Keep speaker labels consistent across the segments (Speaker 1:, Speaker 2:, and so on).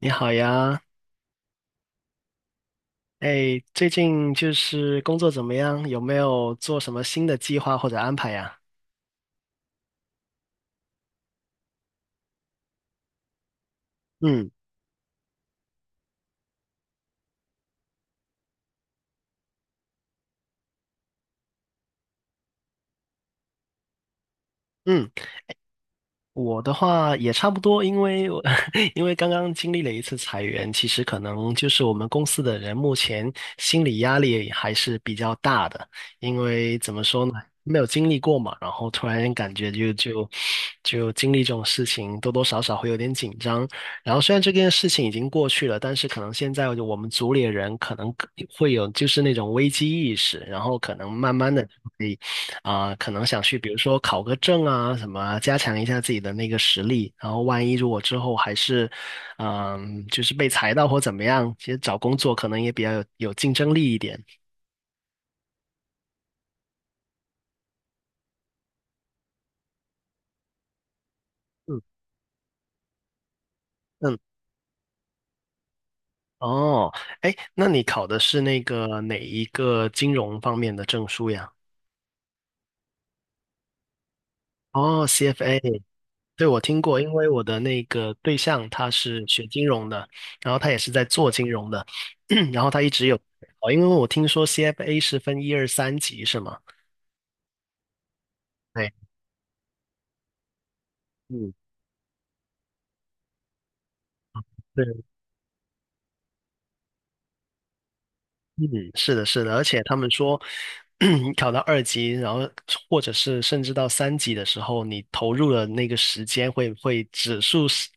Speaker 1: 你好呀，哎，最近就是工作怎么样？有没有做什么新的计划或者安排呀？嗯嗯。我的话也差不多，因为我 因为刚刚经历了一次裁员，其实可能就是我们公司的人目前心理压力还是比较大的，因为怎么说呢，没有经历过嘛，然后突然间感觉就经历这种事情，多多少少会有点紧张。然后虽然这件事情已经过去了，但是可能现在我们组里的人可能会有就是那种危机意识，然后可能慢慢的。可能想去，比如说考个证啊，什么啊加强一下自己的那个实力。然后，万一如果之后还是，就是被裁到或怎么样，其实找工作可能也比较有竞争力一点。嗯嗯，哦，哎，那你考的是那个哪一个金融方面的证书呀？哦，CFA，对，我听过，因为我的那个对象他是学金融的，然后他也是在做金融的，然后他一直有，哦，因为我听说 CFA 是分一二三级是吗？对。嗯，对，嗯，是的，是的，而且他们说，你考到二级，然后或者是甚至到三级的时候，你投入的那个时间会指数是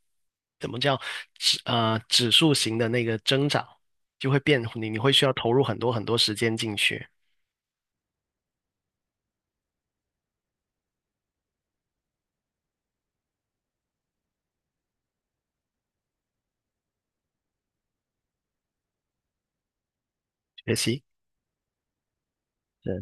Speaker 1: 怎么叫指数型的那个增长，就会你会需要投入很多很多时间进去学习。对，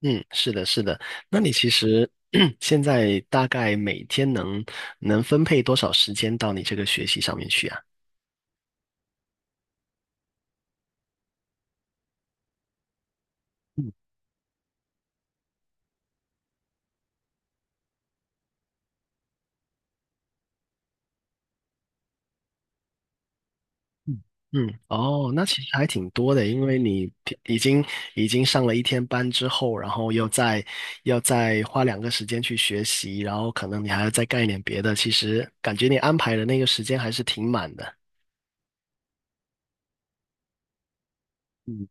Speaker 1: 嗯，是的，是的。那你其实 现在大概每天能分配多少时间到你这个学习上面去啊？嗯嗯，哦，那其实还挺多的，因为你平已经已经上了一天班之后，然后又再要再花两个时间去学习，然后可能你还要再干一点别的，其实感觉你安排的那个时间还是挺满的。嗯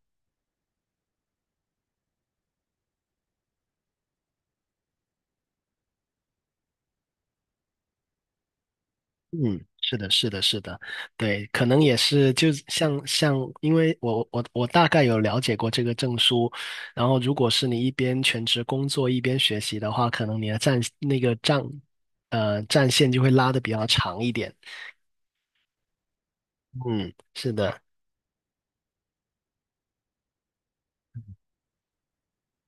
Speaker 1: 嗯，是的，是的，是的，对，可能也是，就像，因为我大概有了解过这个证书，然后如果是你一边全职工作一边学习的话，可能你的战那个战呃战线就会拉的比较长一点。嗯，是的，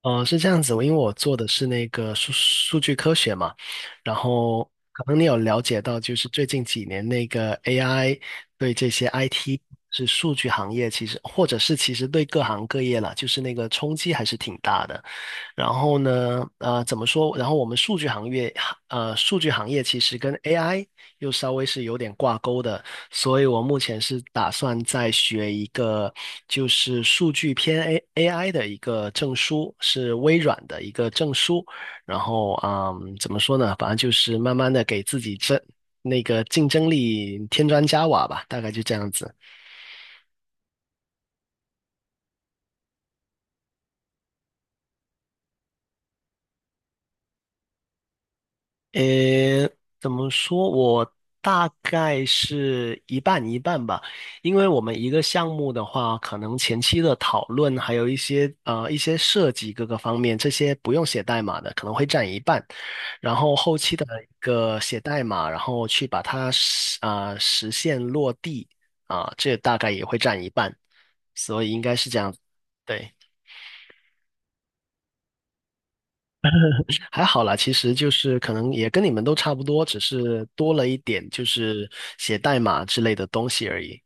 Speaker 1: 呃，是这样子，因为我做的是那个数据科学嘛，然后可能你有了解到，就是最近几年那个 AI 对这些 IT 是数据行业，其实或者是其实对各行各业啦，就是那个冲击还是挺大的。然后呢，怎么说？然后我们数据行业其实跟 AI 又稍微是有点挂钩的，所以我目前是打算再学一个，就是数据偏 AI 的一个证书，是微软的一个证书。然后，嗯，怎么说呢？反正就是慢慢的给自己争那个竞争力添砖加瓦吧，大概就这样子。呃，怎么说？我大概是一半一半吧，因为我们一个项目的话，可能前期的讨论，还有一些设计各个方面，这些不用写代码的，可能会占一半，然后后期的一个写代码，然后去把它实现落地这大概也会占一半，所以应该是这样子，对。还好啦，其实就是可能也跟你们都差不多，只是多了一点就是写代码之类的东西而已。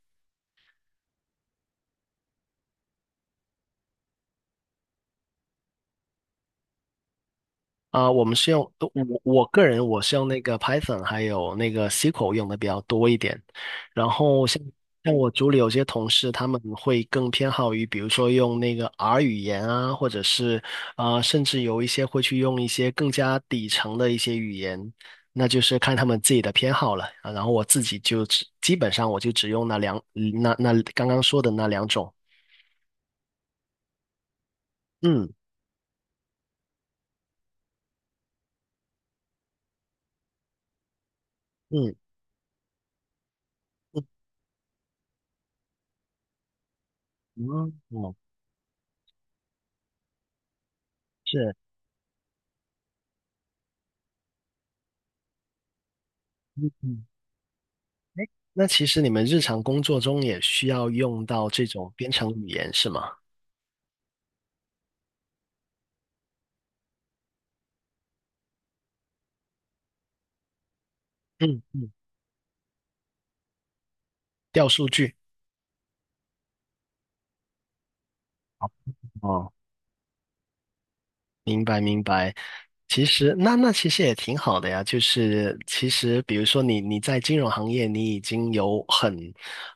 Speaker 1: 啊、我们是用我个人是用那个 Python 还有那个 SQL 用的比较多一点，然后像我组里有些同事他们会更偏好于比如说用那个 R 语言啊，或者是甚至有一些会去用一些更加底层的一些语言，那就是看他们自己的偏好了啊。然后我自己基本上我就只用那刚刚说的那两种，嗯嗯嗯，嗯，是。那其实你们日常工作中也需要用到这种编程语言是吗？嗯嗯，调数据。哦明白明白，其实那其实也挺好的呀。就是其实比如说你在金融行业，你已经有很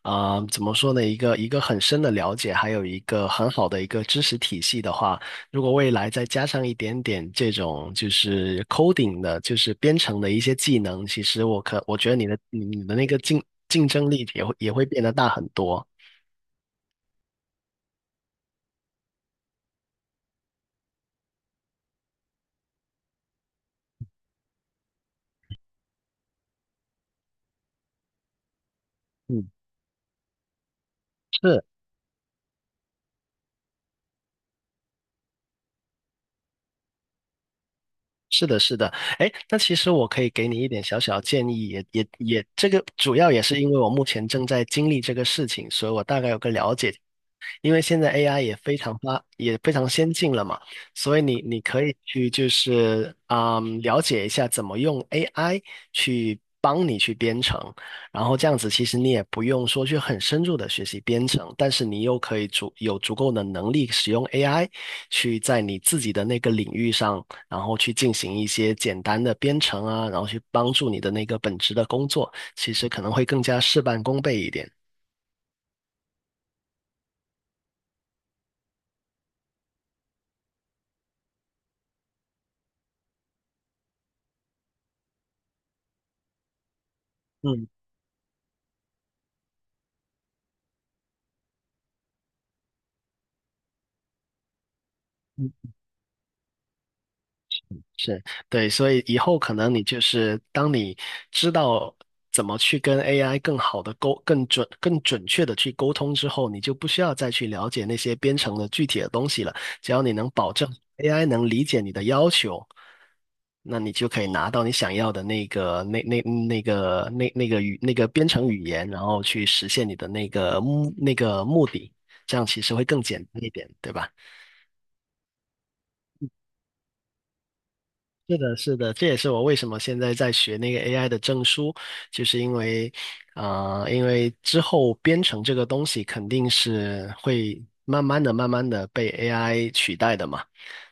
Speaker 1: 啊、怎么说呢一个很深的了解，还有一个很好的一个知识体系的话，如果未来再加上一点点这种就是 coding 的，就是编程的一些技能，其实我觉得你的那个竞争力也会变得大很多。嗯，是。是的，是的，哎，那其实我可以给你一点小小的建议，也也也，这个主要也是因为我目前正在经历这个事情，所以我大概有个了解。因为现在 AI 也非常先进了嘛，所以你可以去就是了解一下怎么用 AI 去帮你去编程，然后这样子其实你也不用说去很深入的学习编程，但是你又可以足够的能力使用 AI 去在你自己的那个领域上然后去进行一些简单的编程啊，然后去帮助你的那个本职的工作，其实可能会更加事半功倍一点。嗯是，对，所以以后可能你就是当你知道怎么去跟 AI 更准确的去沟通之后，你就不需要再去了解那些编程的具体的东西了。只要你能保证 AI 能理解你的要求，那你就可以拿到你想要的那个、那那那个、那那个语、那个编程语言，然后去实现你的那个目的。这样其实会更简单一点，对吧？是的，是的，这也是我为什么现在在学那个 AI 的证书，就是因为，啊，因为之后编程这个东西肯定是会慢慢的、慢慢的被 AI 取代的嘛，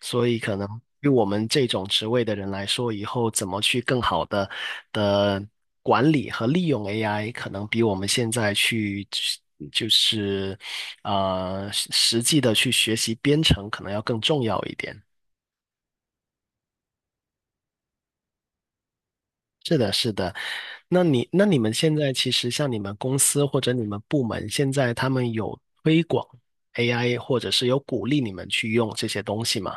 Speaker 1: 所以可能对我们这种职位的人来说，以后怎么去更好的管理和利用 AI，可能比我们现在去就是实际的去学习编程，可能要更重要一点。那你们现在其实像你们公司或者你们部门，现在他们有推广 AI，或者是有鼓励你们去用这些东西吗？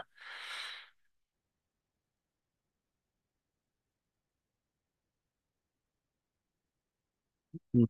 Speaker 1: 嗯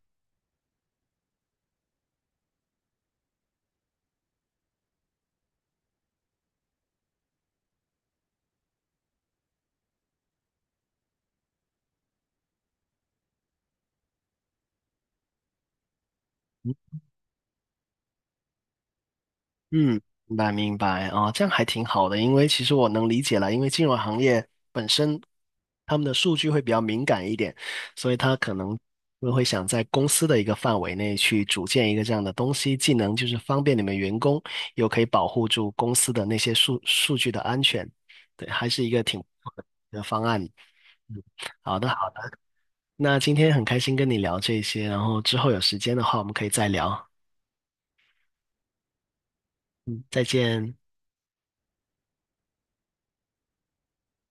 Speaker 1: 嗯，明白明白啊，这样还挺好的，因为其实我能理解了，因为金融行业本身他们的数据会比较敏感一点，所以他可能会想在公司的一个范围内去组建一个这样的东西，既能就是方便你们员工，又可以保护住公司的那些数据的安全，对，还是一个挺不错的一个方案。嗯，好的好的，那今天很开心跟你聊这些，然后之后有时间的话我们可以再聊，再见。